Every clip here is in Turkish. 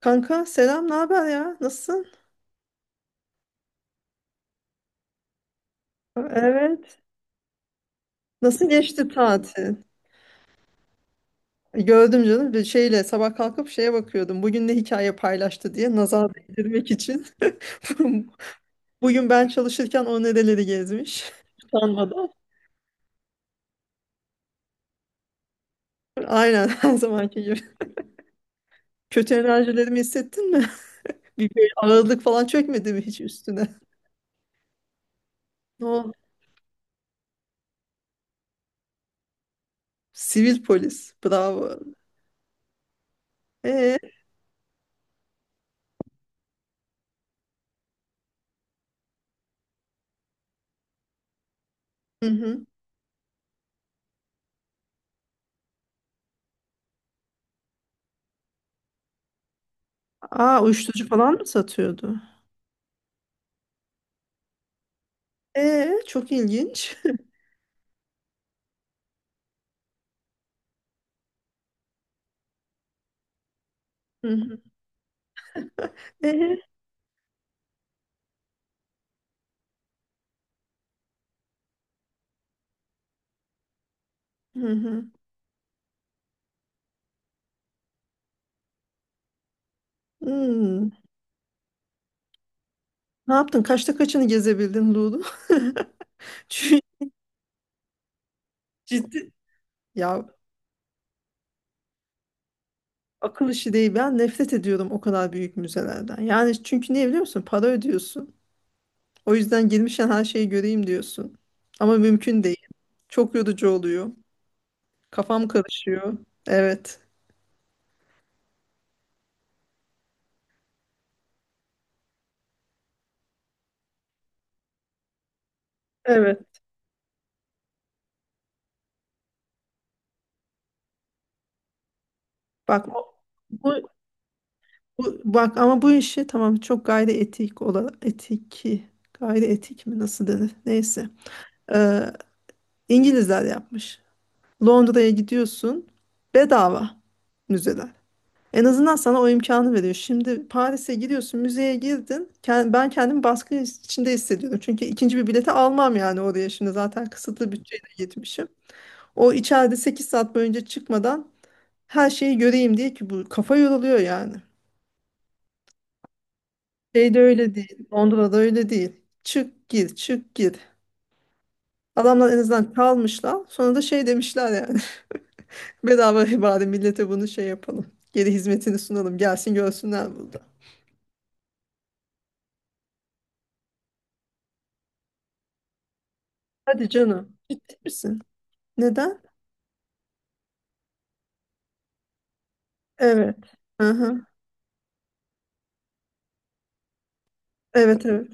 Kanka selam, ne haber ya? Nasılsın? Evet. Nasıl geçti tatil? Gördüm canım bir şeyle sabah kalkıp şeye bakıyordum. Bugün ne hikaye paylaştı diye nazar değdirmek için. Bugün ben çalışırken o nereleri gezmiş. Utanmadan. Aynen her zamanki gibi. Kötü enerjilerimi hissettin mi? Bir böyle ağırlık falan çökmedi mi hiç üstüne? Ne oldu? Sivil polis. Bravo. Ee, hı hı. Aa, uyuşturucu falan mı satıyordu? Çok ilginç. Hı hı. Hı hı. Hmm. Ne yaptın? Kaçta kaçını gezebildin Lulu? Çünkü ciddi ya, akıl işi değil. Ben nefret ediyorum o kadar büyük müzelerden. Yani çünkü niye biliyor musun? Para ödüyorsun. O yüzden girmişken her şeyi göreyim diyorsun. Ama mümkün değil. Çok yorucu oluyor. Kafam karışıyor. Evet. Evet. Bak bu, bak ama bu işi tamam çok gayri etik olarak etiki gayri etik mi nasıl denir? Neyse. Ee, İngilizler yapmış. Londra'ya gidiyorsun, bedava müzeler. En azından sana o imkanı veriyor. Şimdi Paris'e gidiyorsun, müzeye girdin. Ben kendimi baskı içinde hissediyordum. Çünkü ikinci bir bileti almam, yani oraya şimdi zaten kısıtlı bütçeyle gitmişim. O içeride 8 saat boyunca çıkmadan her şeyi göreyim diye, ki bu kafa yoruluyor yani. Şeyde öyle değil. Londra'da öyle değil. Çık gir, çık gir. Adamlar en azından kalmışlar. Sonra da şey demişler yani. Bedava bari millete bunu şey yapalım. Geri hizmetini sunalım. Gelsin görsünler burada. Hadi canım. Ciddi misin? Neden? Evet. Aha. Evet, evet.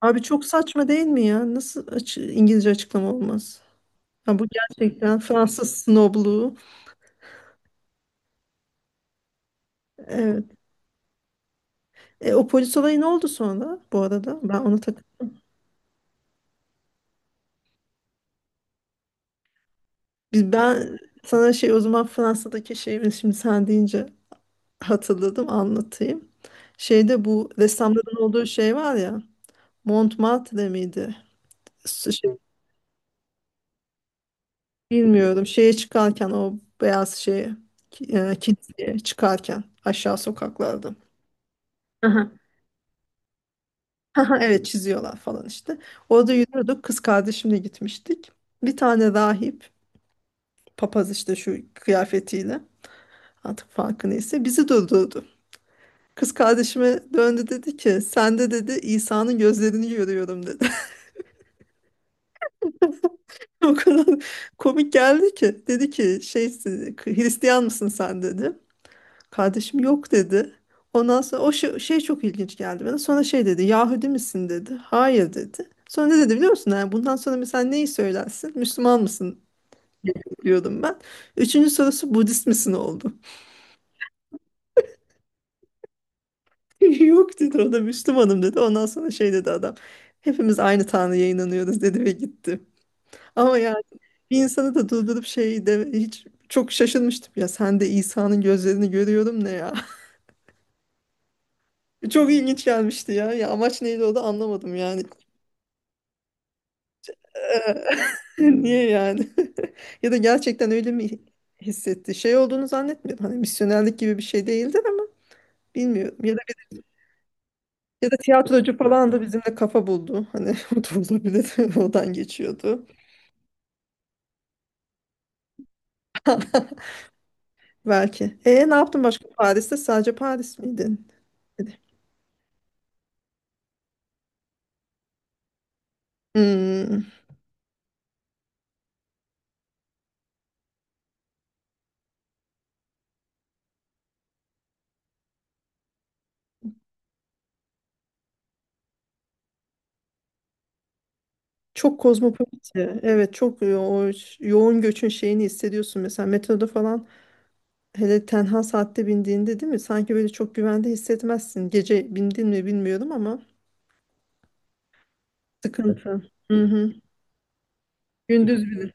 Abi çok saçma değil mi ya? İngilizce açıklama olmaz? Ha, bu gerçekten Fransız snobluğu. Evet. E, o polis olayı ne oldu sonra bu arada? Ben onu tak ben sana şey, o zaman Fransa'daki şeyi şimdi sen deyince hatırladım, anlatayım. Şeyde bu ressamların olduğu şey var ya. Montmartre miydi? Şey, bilmiyorum, şeye çıkarken o beyaz şeye, kiliseye çıkarken aşağı sokaklarda. Aha. Aha, evet, çiziyorlar falan işte. Orada yürüyorduk. Kız kardeşimle gitmiştik. Bir tane rahip, papaz işte, şu kıyafetiyle artık farkı neyse, bizi durdurdu. Kız kardeşime döndü, dedi ki sen de dedi İsa'nın gözlerini görüyorum dedi. O kadar komik geldi ki, dedi ki şey, Hristiyan mısın sen dedi. Kardeşim yok dedi. Ondan sonra o şey, şey çok ilginç geldi bana. Sonra şey dedi, Yahudi misin dedi. Hayır dedi. Sonra ne dedi biliyor musun? Yani bundan sonra mesela neyi söylersin? Müslüman mısın diyordum ben. Üçüncü sorusu Budist misin oldu. Yok dedi, o da Müslümanım dedi. Ondan sonra şey dedi adam. Hepimiz aynı Tanrı'ya inanıyoruz dedi ve gitti. Ama yani bir insanı da durdurup şey de, hiç çok şaşırmıştım ya, sen de İsa'nın gözlerini görüyorum, ne ya. Çok ilginç gelmişti ya. Ya amaç neydi o da anlamadım yani. Niye yani? Ya da gerçekten öyle mi hissetti? Şey olduğunu zannetmiyorum. Hani misyonerlik gibi bir şey değildir ama bilmiyorum. Ya da, ya da tiyatrocu falan da bizimle kafa buldu. Hani o da olabilir. Oradan geçiyordu. Belki. E ne yaptın başka Paris'te? Sadece Paris miydin? Hmm, çok kozmopolit ya. Evet çok yoğun göçün şeyini hissediyorsun. Mesela metroda falan, hele tenha saatte bindiğinde, değil mi? Sanki böyle çok güvende hissetmezsin. Gece bindin mi bilmiyorum ama sıkıntı. Hı hı. Gündüz bile.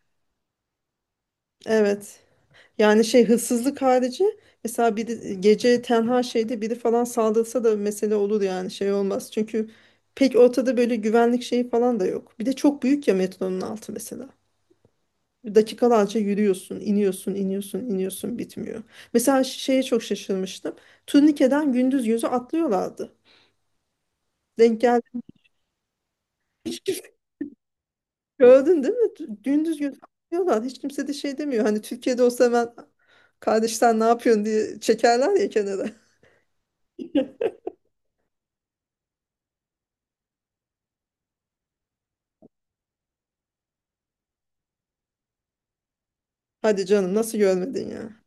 Evet. Yani şey, hırsızlık harici mesela biri gece tenha şeyde biri falan saldırsa da mesele olur yani, şey olmaz. Çünkü pek ortada böyle güvenlik şeyi falan da yok. Bir de çok büyük ya metronun altı mesela. Dakikalarca yürüyorsun, iniyorsun, iniyorsun, iniyorsun, bitmiyor. Mesela şeye çok şaşırmıştım. Turnikeden gündüz yüzü atlıyorlardı. Denk geldi. Gördün değil mi? Gündüz gün diyorlar. Hiç kimse de şey demiyor. Hani Türkiye'de olsa hemen kardeş sen ne yapıyorsun diye çekerler ya kenara. Hadi canım, nasıl görmedin ya?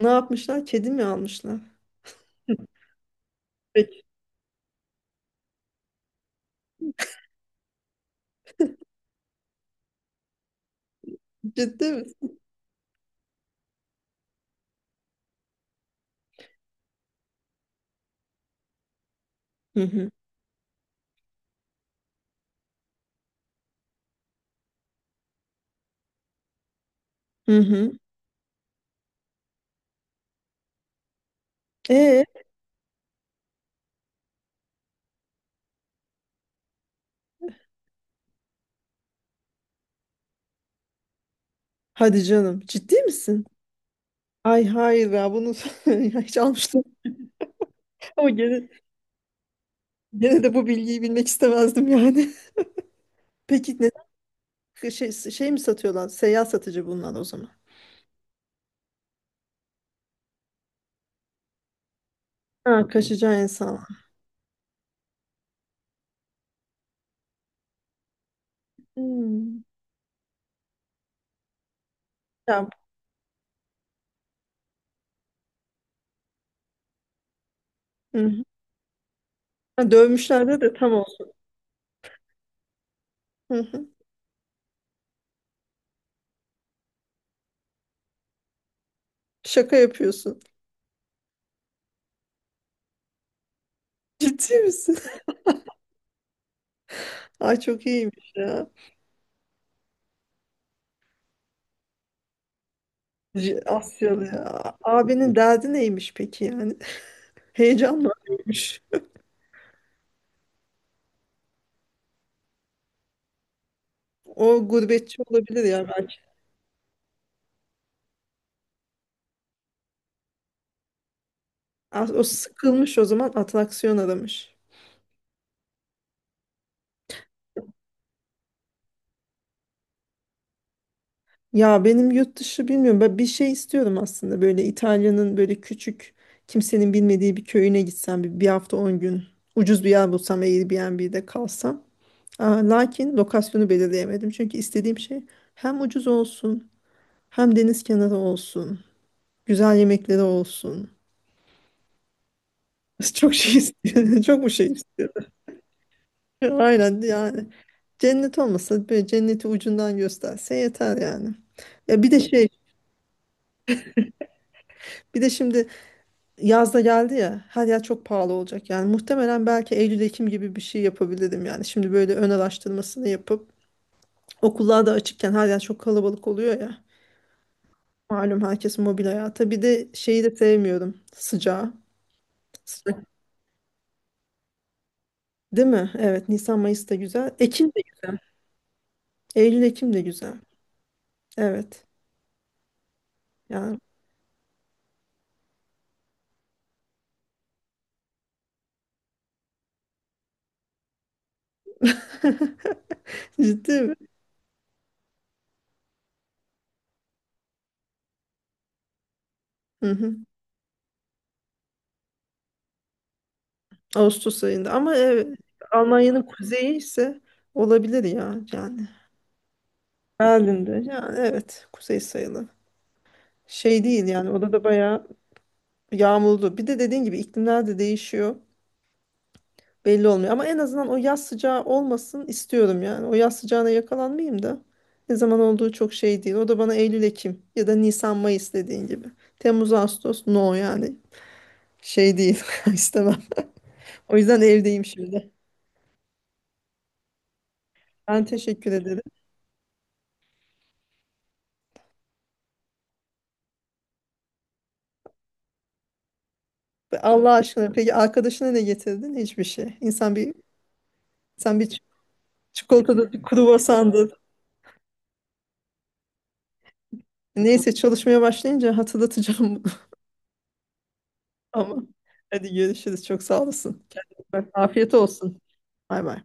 Ne yapmışlar? Kedi mi almışlar? Peki. Ciddi misin? Hı hı. Hı hı. Ee, hadi canım. Ciddi misin? Ay hayır ya, bunu ya hiç almıştım. Ama gene, gene de bu bilgiyi bilmek istemezdim yani. Peki neden şey, şey mi satıyorlar? Seyyar satıcı bunlar o zaman. Ha, kaçacağı insan. Hmm. Ya, hı hı. Ha, dövmüşlerdi de tam olsun. Hı hı. Şaka yapıyorsun. Ciddi misin? Ay çok iyiymiş ya. Asyalı ya. Abinin derdi neymiş peki yani? Heyecan mı arıyormuş? O gurbetçi olabilir ya belki. O sıkılmış o zaman, atraksiyon aramış. Ya benim yurt dışı, bilmiyorum. Ben bir şey istiyorum aslında. Böyle İtalya'nın böyle küçük, kimsenin bilmediği bir köyüne gitsem bir hafta 10 gün. Ucuz bir yer bulsam, Airbnb'de kalsam. Aa, lakin lokasyonu belirleyemedim. Çünkü istediğim şey hem ucuz olsun, hem deniz kenarı olsun, güzel yemekleri olsun. Çok şey istiyorum. Çok bu şey istiyorum. Aynen yani. Cennet olmasa böyle cenneti ucundan gösterse yeter yani. Ya bir de şey, bir de şimdi yazda geldi ya, her yer çok pahalı olacak. Yani muhtemelen belki Eylül Ekim gibi bir şey yapabilirim yani. Şimdi böyle ön araştırmasını yapıp, okullar da açıkken her yer çok kalabalık oluyor ya. Malum herkes mobil hayata. Bir de şeyi de sevmiyorum. Sıcağı. Sıcak. Değil mi? Evet. Nisan Mayıs da güzel. Ekim de güzel. Eylül Ekim de güzel. Evet. Yani ciddi mi? Hı hı. Ağustos ayında. Ama evet, Almanya'nın kuzeyi ise olabilir ya. Yani Berlin'de. Yani evet. Kuzey sayılı. Şey değil yani. Orada da bayağı yağmurlu. Bir de dediğin gibi iklimler de değişiyor. Belli olmuyor ama en azından o yaz sıcağı olmasın istiyorum yani. O yaz sıcağına yakalanmayayım da, ne zaman olduğu çok şey değil. O da bana Eylül, Ekim ya da Nisan, Mayıs dediğin gibi. Temmuz, Ağustos no yani, şey değil, istemem. O yüzden evdeyim şimdi. Ben teşekkür ederim. Ve Allah aşkına peki arkadaşına ne getirdin? Hiçbir şey. İnsan bir, sen bir çikolatadır, bir kruvasandır. Neyse çalışmaya başlayınca hatırlatacağım bunu. Ama hadi görüşürüz. Çok sağ olasın. Kendine iyi bak. Afiyet olsun. Bay bay.